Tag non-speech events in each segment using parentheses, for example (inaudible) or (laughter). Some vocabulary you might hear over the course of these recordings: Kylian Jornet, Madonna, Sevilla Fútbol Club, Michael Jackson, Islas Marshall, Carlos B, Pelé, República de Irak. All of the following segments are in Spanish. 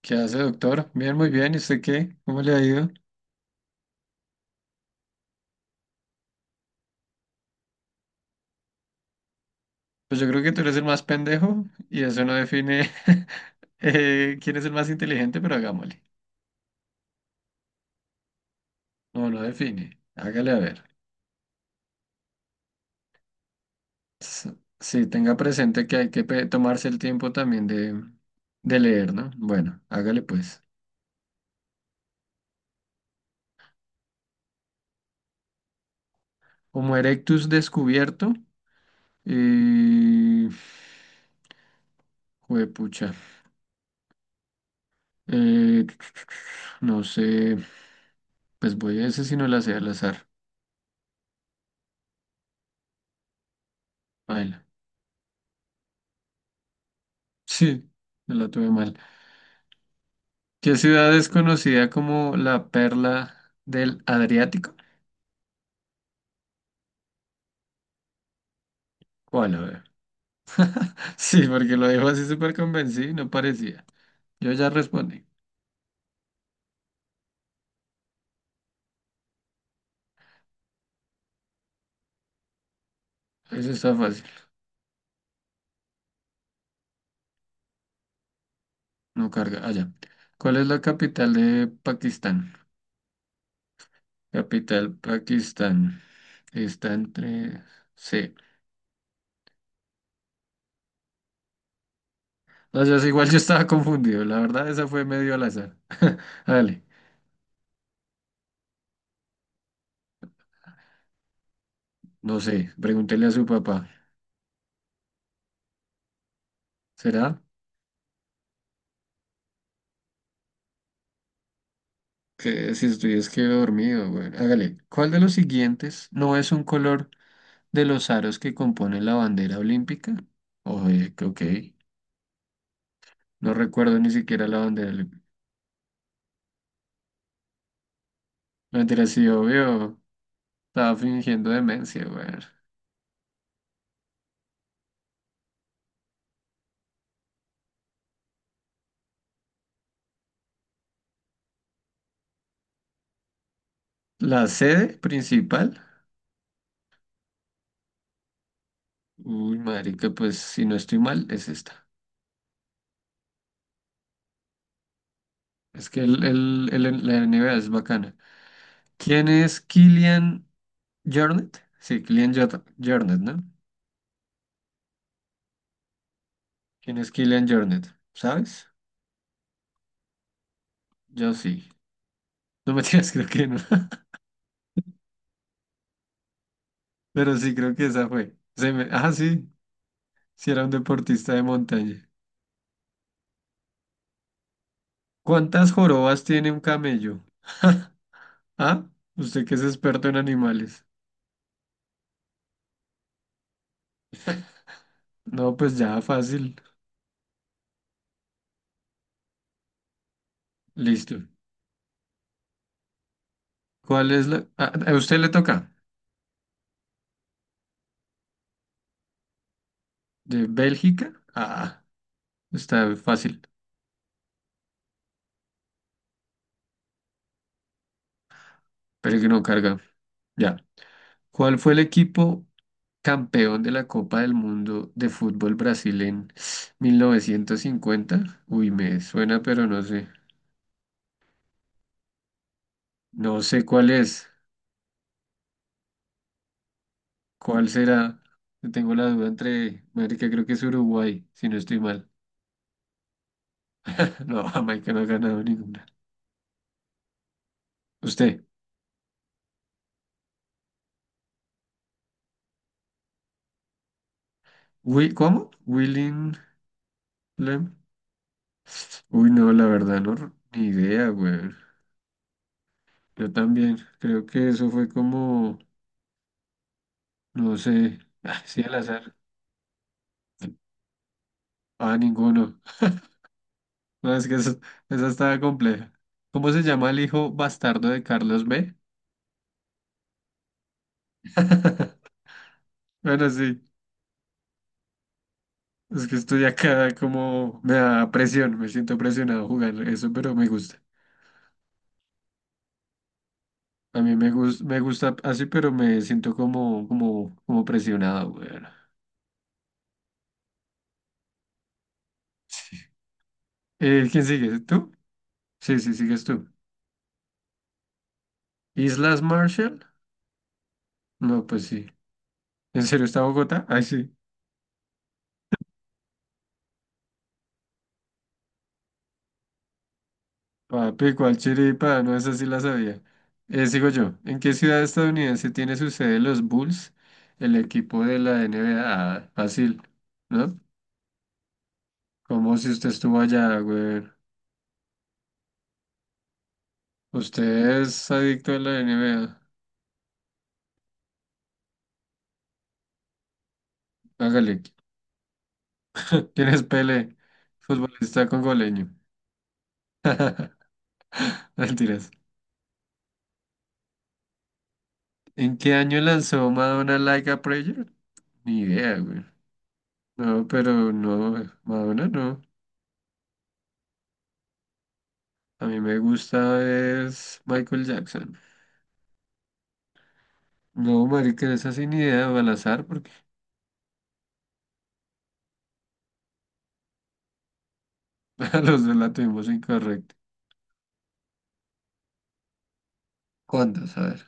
¿Qué hace, doctor? Bien, muy bien. ¿Y usted qué? ¿Cómo le ha ido? Pues yo creo que tú eres el más pendejo y eso no define (laughs) quién es el más inteligente, pero hagámosle. No, no define. Hágale a ver. Sí, tenga presente que hay que tomarse el tiempo también de leer, ¿no? Bueno, hágale pues. Homo erectus descubierto. Y... Juepucha. Eh, (tsk) no sé. Pues voy a ese si no la sé al azar. Baila. Sí, me la tuve mal. ¿Qué ciudad es conocida como la perla del Adriático? ¿Cuál? A ver. (laughs) Sí, porque lo dijo así súper convencido, y no parecía. Yo ya respondí. Eso está fácil. No carga. Allá. ¿Cuál es la capital de Pakistán? Capital Pakistán. Está entre... Sí. No, yo sé, igual yo estaba confundido. La verdad, esa fue medio al azar. (laughs) Dale. No sé. Pregúntele a su papá. ¿Será? Que si estoy es que dormido, güey. Hágale. ¿Cuál de los siguientes no es un color de los aros que componen la bandera olímpica? Oye, que ok. No recuerdo ni siquiera la bandera olímpica. Mentira, sí, obvio. Estaba fingiendo demencia, weón. La sede principal. Uy, marica, pues si no estoy mal, es esta. Es que la NBA es bacana. ¿Quién es Kylian Jornet? Sí, Kylian Jornet, ¿no? ¿Quién es Kylian Jornet? ¿Sabes? Yo sí. No me tiras, (laughs) creo que no. (laughs) Pero sí, creo que esa fue. Se me... Ah, sí. Si era un deportista de montaña. ¿Cuántas jorobas tiene un camello? (laughs) ¿Ah? Usted que es experto en animales. No, pues ya fácil. Listo. ¿Cuál es la...? Ah, a usted le toca. ¿De Bélgica? Ah, está fácil. Pero que no carga. Ya. ¿Cuál fue el equipo campeón de la Copa del Mundo de fútbol Brasil en 1950? Uy, me suena, pero no sé. No sé cuál es. ¿Cuál será? Tengo la duda entre, marica, creo que es Uruguay, si no estoy mal. (laughs) No, Jamaica no ha ganado ninguna. ¿Usted? ¿Cómo? Willing Lem. Uy, no, la verdad, no, ni idea, güey. Yo también, creo que eso fue como, no sé, (laughs) así al azar. Ah, ninguno. No, es que eso, esa estaba compleja. ¿Cómo se llama el hijo bastardo de Carlos B? (laughs) Bueno, sí. Es que estoy acá como me da presión, me siento presionado jugar eso, pero me gusta. A mí me gusta así, pero me siento como presionado, weón. Sí. ¿Quién sigue? ¿Tú? Sí, sí, sigues tú. ¿Islas Marshall? No, pues sí. ¿En serio está Bogotá? Ay, sí. Papi, ¿cuál chiripa? No, esa sí la sabía. Sigo yo. ¿En qué ciudad estadounidense tiene su sede los Bulls, el equipo de la NBA? Ah, fácil, ¿no? Como si usted estuvo allá, güey. Usted es adicto a la NBA. Hágale. ¿Quién es Pelé? Futbolista congoleño. (laughs) Mentiras. ¿En qué año lanzó Madonna Like a Prayer? Ni idea, güey. No, pero no, Madonna no. A mí me gusta es Michael Jackson. No, marica, esa sin idea, o al azar, porque (laughs) a los dos la tuvimos incorrecta. ¿Cuántas? A ver.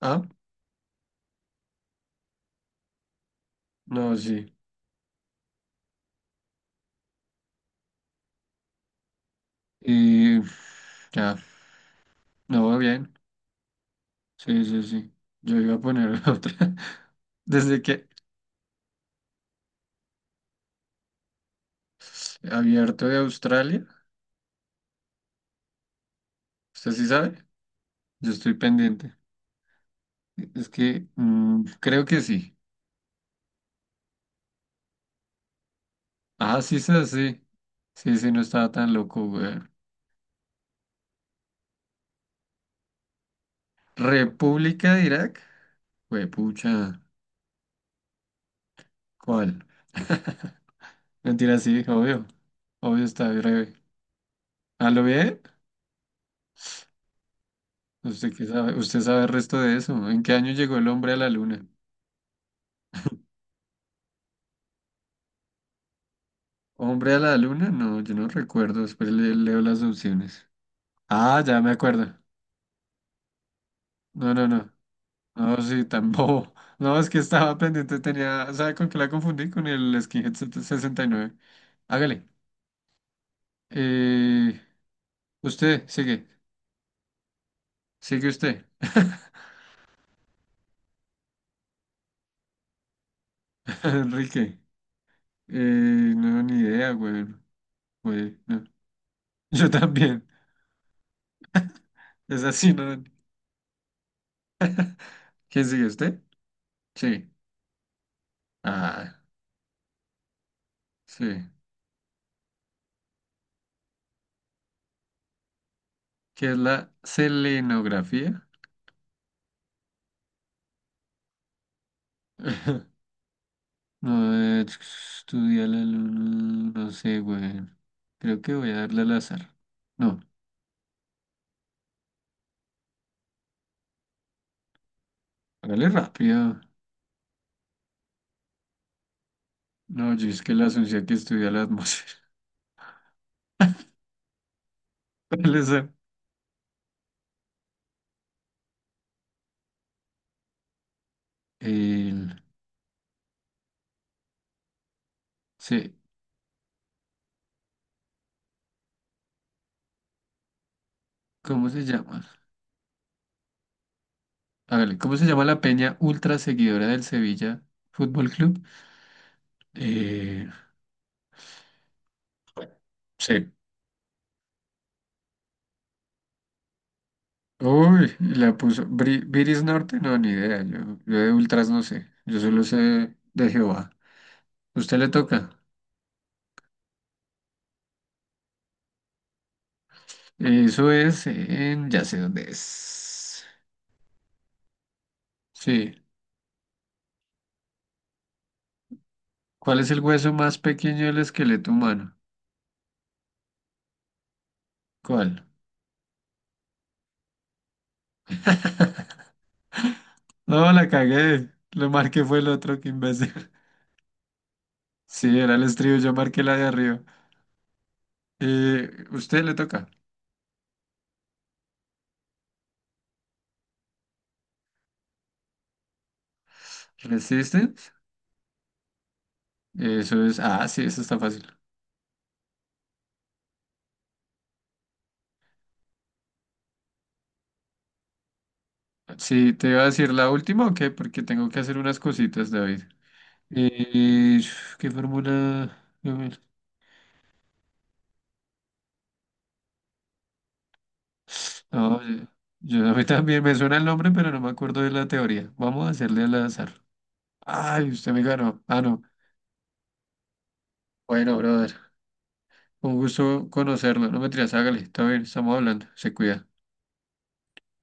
Ah, no, sí. Y ya, no, bien. Sí, sí, sí. Yo iba a poner (laughs) otra. Desde que abierto de Australia, ¿usted sí sabe? Yo estoy pendiente. Es que creo que sí. Ah, sí, sí, sí. Sí, sí, no estaba tan loco, güey. República de Irak. Güey, pucha. ¿Cuál? (laughs) Mentira, sí, obvio. Obvio está breve. ¿A lo bien? ¿Usted qué sabe? ¿Usted sabe el resto de eso? ¿En qué año llegó el hombre a la luna? ¿Hombre a la luna? No, yo no recuerdo. Después le leo las opciones. Ah, ya me acuerdo. No, no, no. No, sí, (laughs) tan bobo. No, es que estaba pendiente, tenía. ¿Sabe con qué la confundí? Con el Skinhead 69. Hágale. Eh, usted, sigue. Sigue usted. (laughs) Enrique. No, ni idea, güey. Güey, no. (laughs) Yo también. Es así, ¿no? ¿Quién sigue usted? Sí. Ah, sí. ¿Qué es la selenografía? (laughs) No, estudia la luna. No sé, güey. Creo que voy a darle al azar. No, hágale rápido. No, yo es que la asunción que estudia la atmósfera. (laughs) Al azar. El, sí, ¿cómo se llama? Hágale, ¿cómo se llama la peña ultra seguidora del Sevilla Fútbol Club? Eh, sí. Uy, la puso. Viris Norte, no, ni idea. Yo de ultras no sé. Yo solo sé de Jehová. Usted le toca. Eso es en, ya sé dónde es. Sí. ¿Cuál es el hueso más pequeño del esqueleto humano? ¿Cuál? (laughs) No, la cagué. Lo marqué fue el otro, que imbécil. (laughs) Sí, era el estribo, yo marqué la de arriba. Usted le toca. Resistance. Eso es. Ah, sí, eso está fácil. Sí, te iba a decir la última o qué, porque tengo que hacer unas cositas, David. Eh, ¿Qué fórmula? A ver. No, a mí también me suena el nombre, pero no me acuerdo de la teoría. Vamos a hacerle al azar. Ay, usted me ganó. Ah, no. Bueno, brother, un gusto conocerlo. No me tiras, hágale. Está bien, estamos hablando. Se cuida.